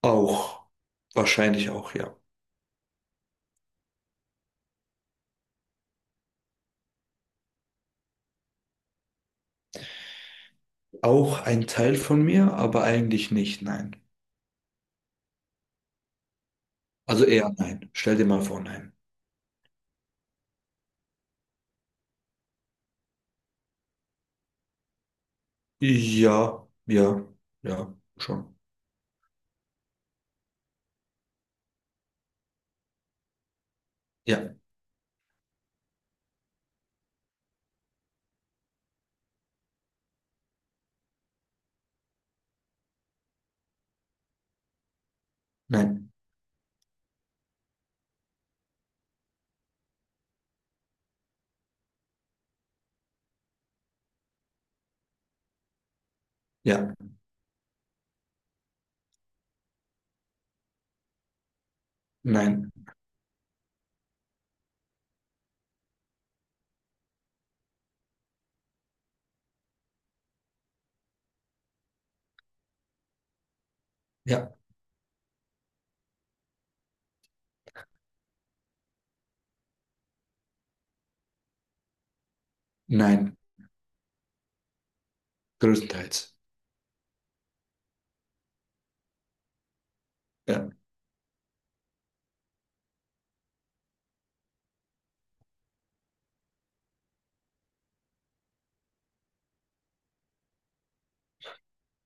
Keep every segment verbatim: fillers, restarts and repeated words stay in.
Auch, wahrscheinlich auch, ja. Auch ein Teil von mir, aber eigentlich nicht, nein. Also eher nein. Stell dir mal vor, nein. Ja, ja, ja, schon. Ja, nein, ja, nein, ja, nein. Größtenteils. Ja.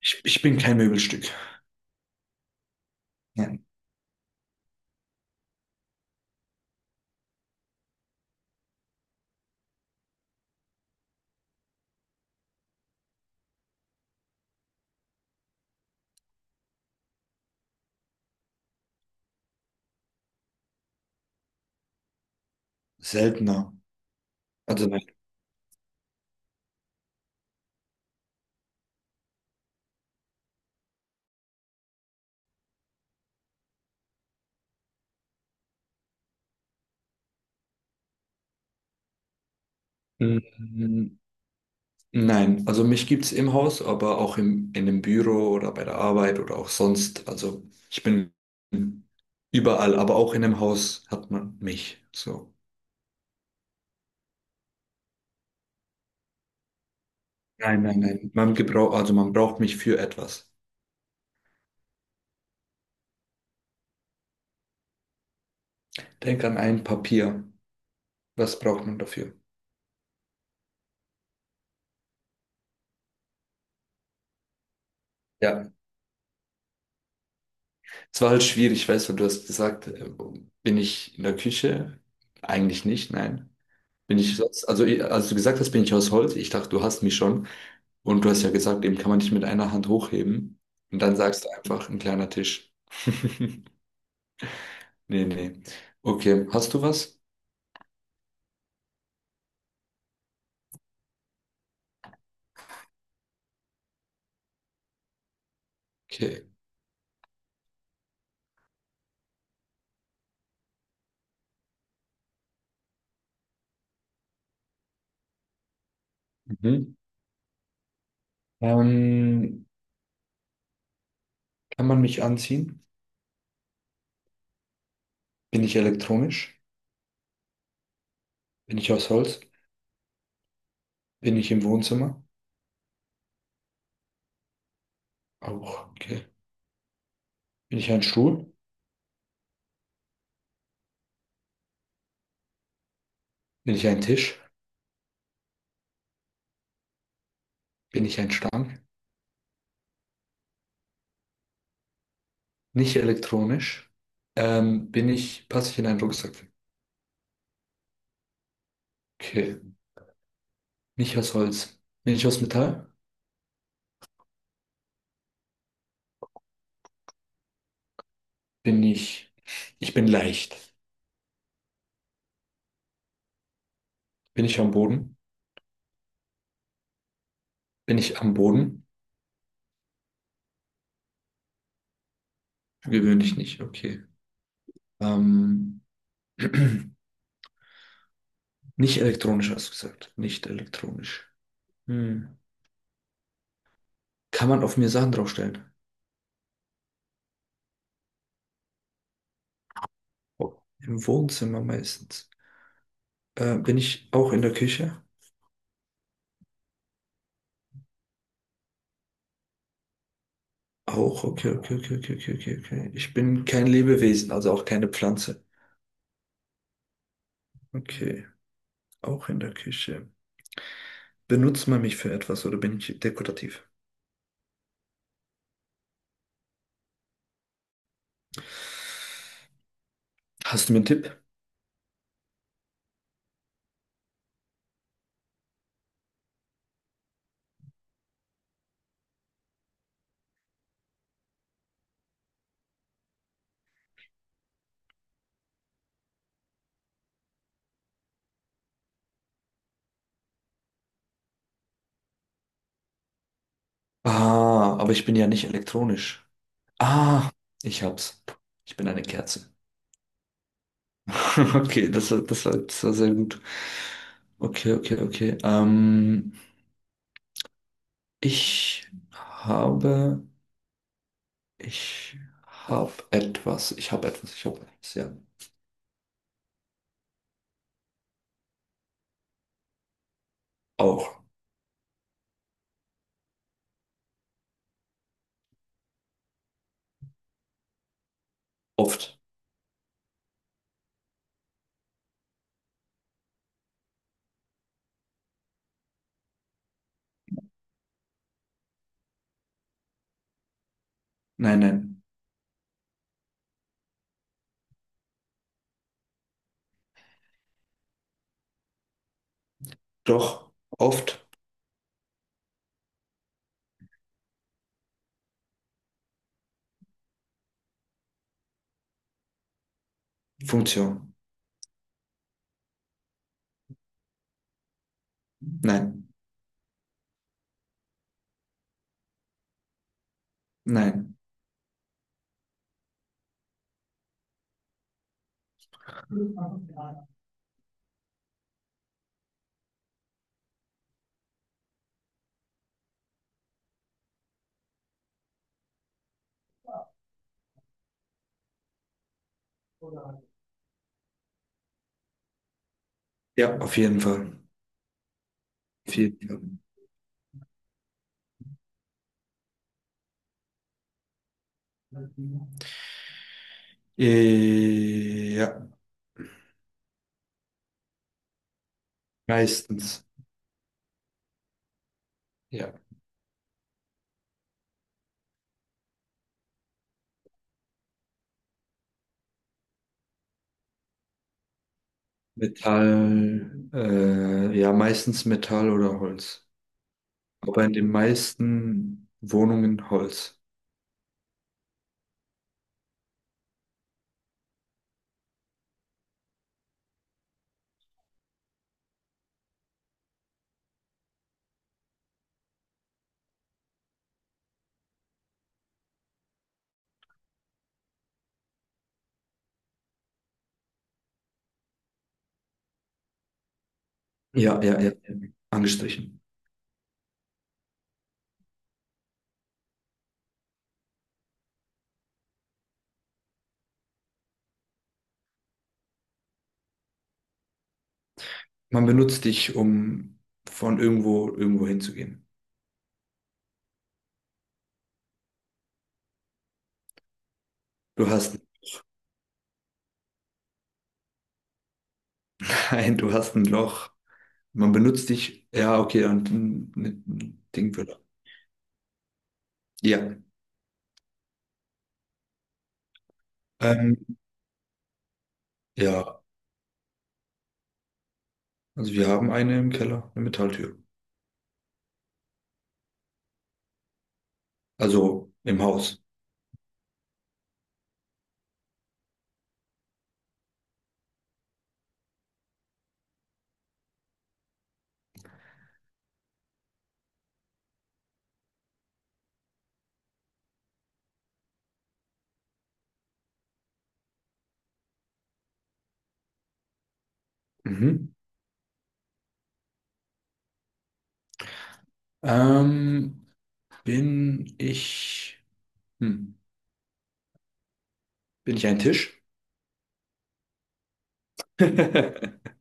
Ich, ich bin kein Möbelstück. Nein. Seltener. Also nein. Mm, nein, also mich gibt es im Haus, aber auch im, in dem Büro oder bei der Arbeit oder auch sonst. Also ich bin überall, aber auch in dem Haus hat man mich. So. Nein, nein, nein. Man gebraucht, also man braucht mich für etwas. Denk an ein Papier. Was braucht man dafür? Ja, es war halt schwierig, weißt du, du hast gesagt, äh, bin ich in der Küche? Eigentlich nicht, nein. Bin ich sonst, also ich- als du gesagt hast, bin ich aus Holz, ich dachte, du hast mich schon. Und du hast ja gesagt, eben kann man nicht mit einer Hand hochheben. Und dann sagst du einfach, ein kleiner Tisch. Nee, nee. Okay, hast du was? Okay. Mhm. Ähm, Kann man mich anziehen? Bin ich elektronisch? Bin ich aus Holz? Bin ich im Wohnzimmer? Auch, okay. Bin ich ein Stuhl? Bin ich ein Tisch? Bin ich ein Stang? Nicht elektronisch. Ähm, bin ich, passe ich in einen Rucksack? Okay. Nicht aus Holz. Bin ich aus Metall? Bin ich, ich bin leicht. Bin ich am Boden? Bin ich am Boden? Gewöhnlich nicht, okay. Ähm, nicht elektronisch, hast du gesagt. Nicht elektronisch. Hm. Kann man auf mir Sachen draufstellen? Im Wohnzimmer meistens. Äh, bin ich auch in der Küche? Auch, okay, okay, okay, okay, okay, okay, okay. Ich bin kein Lebewesen, also auch keine Pflanze. Okay, auch in der Küche. Benutzt man mich für etwas oder bin ich dekorativ? Hast du mir einen Tipp? Ah, aber ich bin ja nicht elektronisch. Ah, ich hab's. Ich bin eine Kerze. Okay, das war, das war, das war sehr gut. Okay, okay, okay. Ähm, ich habe, ich habe etwas, ich habe etwas, ich habe etwas, ja. Auch, oft. Nein, nein. Doch, oft. Funktion. Nein, nein. Ja, auf jeden Fall. Auf jeden Fall. Äh, Ja, meistens. Ja. Metall, äh, ja, meistens Metall oder Holz. Aber in den meisten Wohnungen Holz. Ja, ja, ja, ja, angestrichen. Man benutzt dich, um von irgendwo irgendwo hinzugehen. Du hast ein, du hast ein Loch. Man benutzt dich, ja, okay, und ein, ein Ding will er. Ja, ähm, ja, also wir haben eine im Keller, eine Metalltür. Also im Haus. Mhm. Ähm, Bin ich, hm, bin ich ein Tisch?